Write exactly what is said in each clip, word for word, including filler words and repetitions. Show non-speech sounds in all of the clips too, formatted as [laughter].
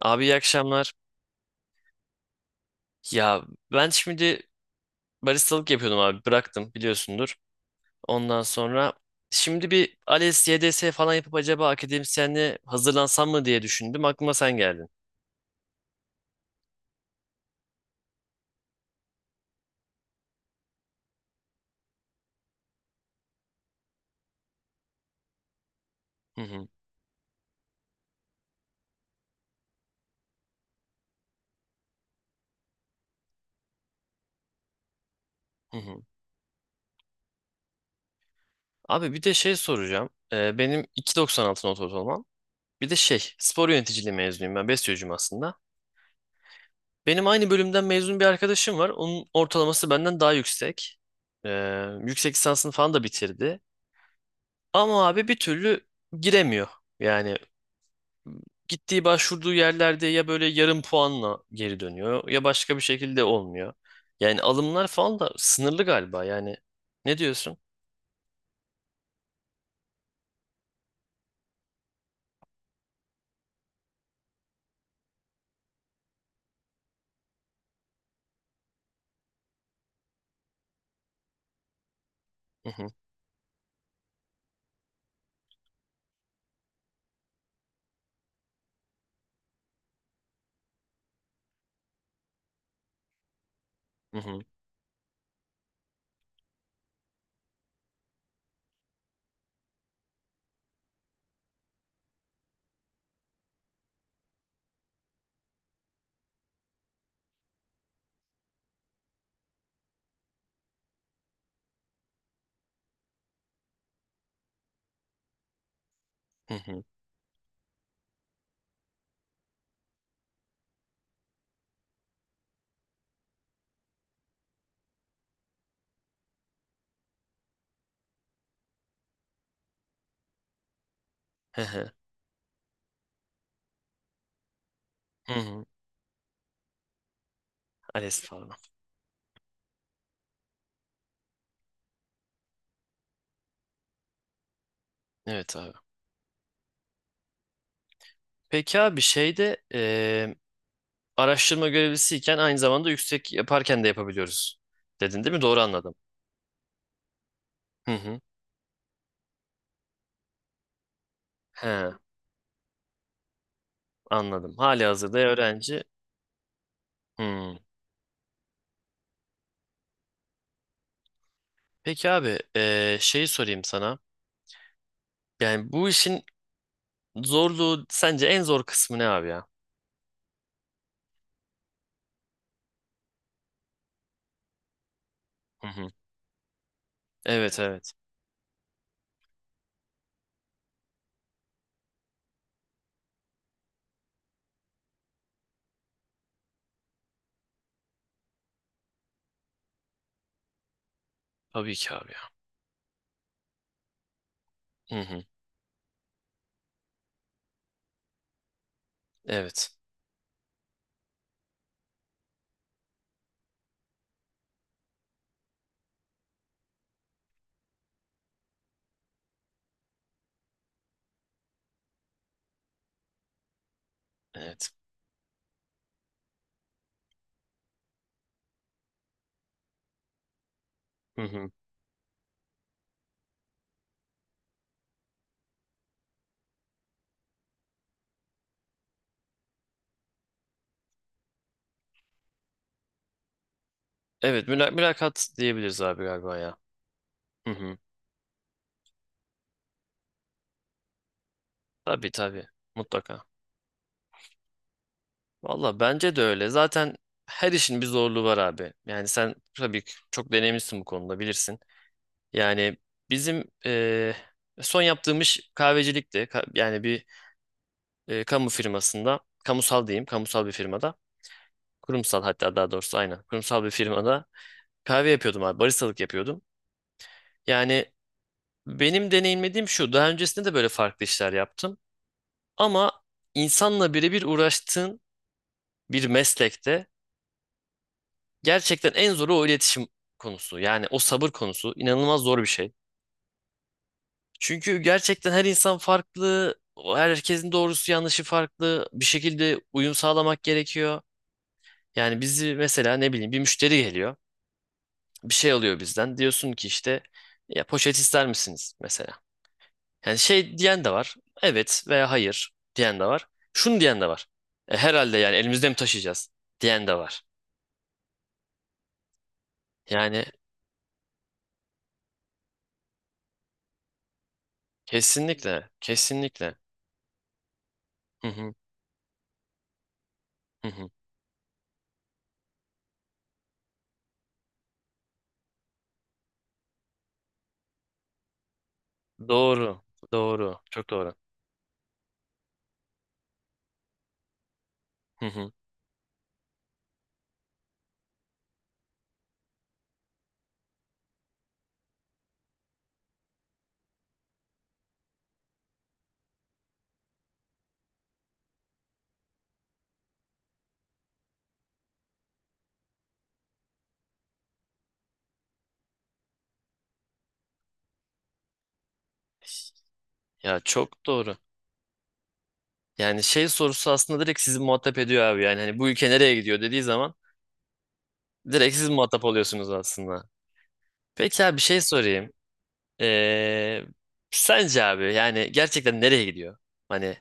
Abi iyi akşamlar. Ya ben şimdi baristalık yapıyordum abi bıraktım biliyorsundur. Ondan sonra şimdi bir ALES, Y D S falan yapıp acaba akademisyenliğe hazırlansam mı diye düşündüm. Aklıma sen geldin. Hı hı, hı hı. Abi bir de şey soracağım. Ee, benim iki virgül doksan altı not ortalamam. Bir de şey spor yöneticiliği mezunuyum ben bestiyocuyum aslında. Benim aynı bölümden mezun bir arkadaşım var. Onun ortalaması benden daha yüksek. Ee, Yüksek lisansını falan da bitirdi. Ama abi bir türlü giremiyor. Yani gittiği başvurduğu yerlerde ya böyle yarım puanla geri dönüyor ya başka bir şekilde olmuyor. Yani alımlar falan da sınırlı galiba yani. Ne diyorsun? Hı hı hı hı hı hı hı hı, hı hı. ALES falan. Evet abi. Peki abi şeyde eee araştırma görevlisiyken aynı zamanda yüksek yaparken de yapabiliyoruz. Dedin değil mi? Doğru anladım. Hı hı. He, anladım. Hali hazırda öğrenci. Hmm. Peki abi eee şeyi sorayım sana. Yani bu işin zorluğu sence en zor kısmı ne abi ya? Hı hı. Evet evet. Tabii ki abi ya. Hı hı. Evet. Evet. Hı hı. Evet müla- mülakat diyebiliriz abi galiba ya. Hı hı. Tabii tabii. Mutlaka. Valla bence de öyle. Zaten her işin bir zorluğu var abi. Yani sen tabii ki çok deneyimlisin bu konuda bilirsin. Yani bizim eee, son yaptığım iş kahvecilikti. Ka- yani bir eee, kamu firmasında, kamusal diyeyim, kamusal bir firmada. Kurumsal hatta daha doğrusu aynen. Kurumsal bir firmada kahve yapıyordum abi. Baristalık yapıyordum. Yani benim deneyimlediğim şu. Daha öncesinde de böyle farklı işler yaptım. Ama insanla birebir uğraştığın bir meslekte gerçekten en zoru o iletişim konusu. Yani o sabır konusu inanılmaz zor bir şey. Çünkü gerçekten her insan farklı. o Herkesin doğrusu yanlışı farklı. Bir şekilde uyum sağlamak gerekiyor. Yani bizi mesela ne bileyim bir müşteri geliyor. Bir şey alıyor bizden. Diyorsun ki işte ya poşet ister misiniz mesela? Yani şey diyen de var. Evet veya hayır diyen de var. Şunu diyen de var. E, herhalde yani elimizde mi taşıyacağız diyen de var. Yani kesinlikle, kesinlikle. Hı hı, hı hı. Doğru, doğru, çok doğru. Hı hı. Ya çok doğru. Yani şey sorusu aslında direkt sizi muhatap ediyor abi. Yani hani bu ülke nereye gidiyor dediği zaman direkt siz muhatap oluyorsunuz aslında. Peki abi bir şey sorayım. Ee, Sence abi yani gerçekten nereye gidiyor? Hani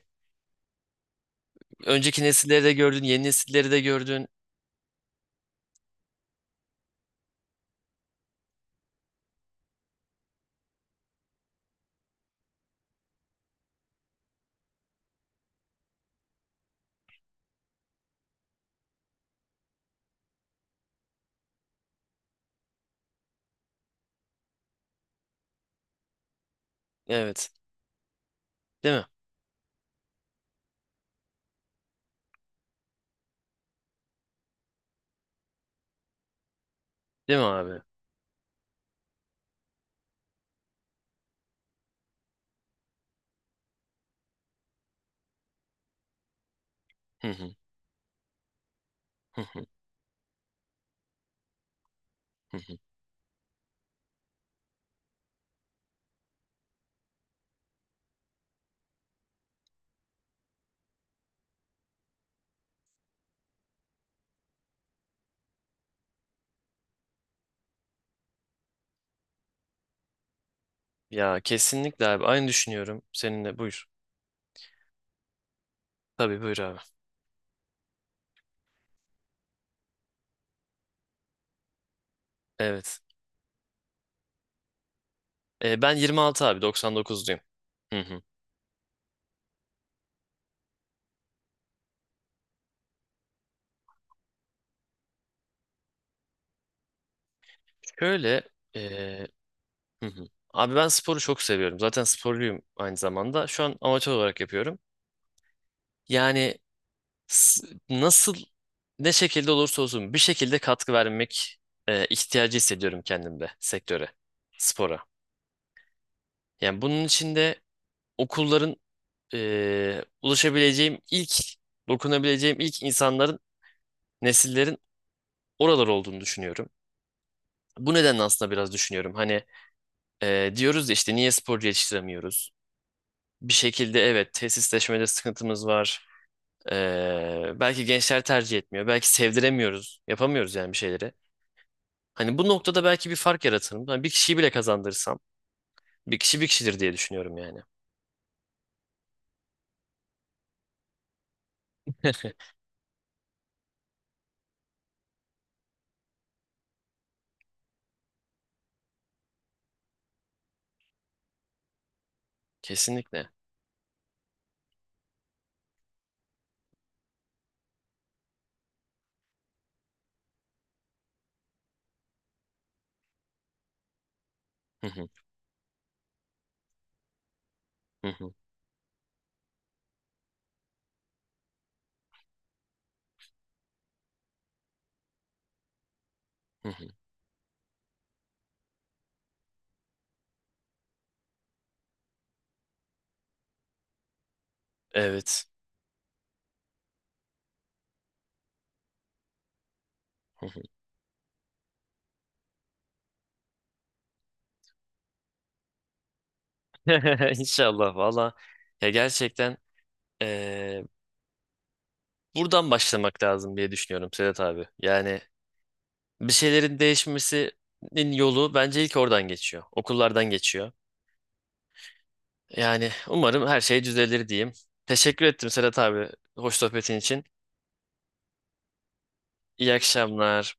önceki nesilleri de gördün, yeni nesilleri de gördün. Evet. Değil mi? Değil mi abi? Hı hı. Hı hı. Hı hı. Ya kesinlikle abi. Aynı düşünüyorum seninle. Buyur. Tabii buyur abi. Evet. E, ben yirmi altı abi. doksan dokuzluyum. Hı hı. Şöyle eee, hı hı. Abi ben sporu çok seviyorum. Zaten sporluyum aynı zamanda. Şu an amatör olarak yapıyorum. Yani s- nasıl ne şekilde olursa olsun bir şekilde katkı vermek eee, ihtiyacı hissediyorum kendimde sektöre, spora. Yani bunun için de okulların eee, ulaşabileceğim ilk, dokunabileceğim ilk insanların, nesillerin oralar olduğunu düşünüyorum. Bu nedenle aslında biraz düşünüyorum. Hani eee, diyoruz ya işte niye sporcu yetiştiremiyoruz? Bir şekilde evet tesisleşmede sıkıntımız var. Eee, belki gençler tercih etmiyor. Belki sevdiremiyoruz. Yapamıyoruz yani bir şeyleri. Hani bu noktada belki bir fark yaratırım. Hani bir kişiyi bile kazandırsam bir kişi bir kişidir diye düşünüyorum yani. Kesinlikle. Hı hı, hı hı, hı hı. Evet. [laughs] İnşallah valla. Ya gerçekten eee, buradan başlamak lazım diye düşünüyorum Sedat abi. Yani bir şeylerin değişmesinin yolu bence ilk oradan geçiyor. Okullardan geçiyor. Yani umarım her şey düzelir diyeyim. Teşekkür ettim Sedat abi. Hoş sohbetin için. İyi akşamlar.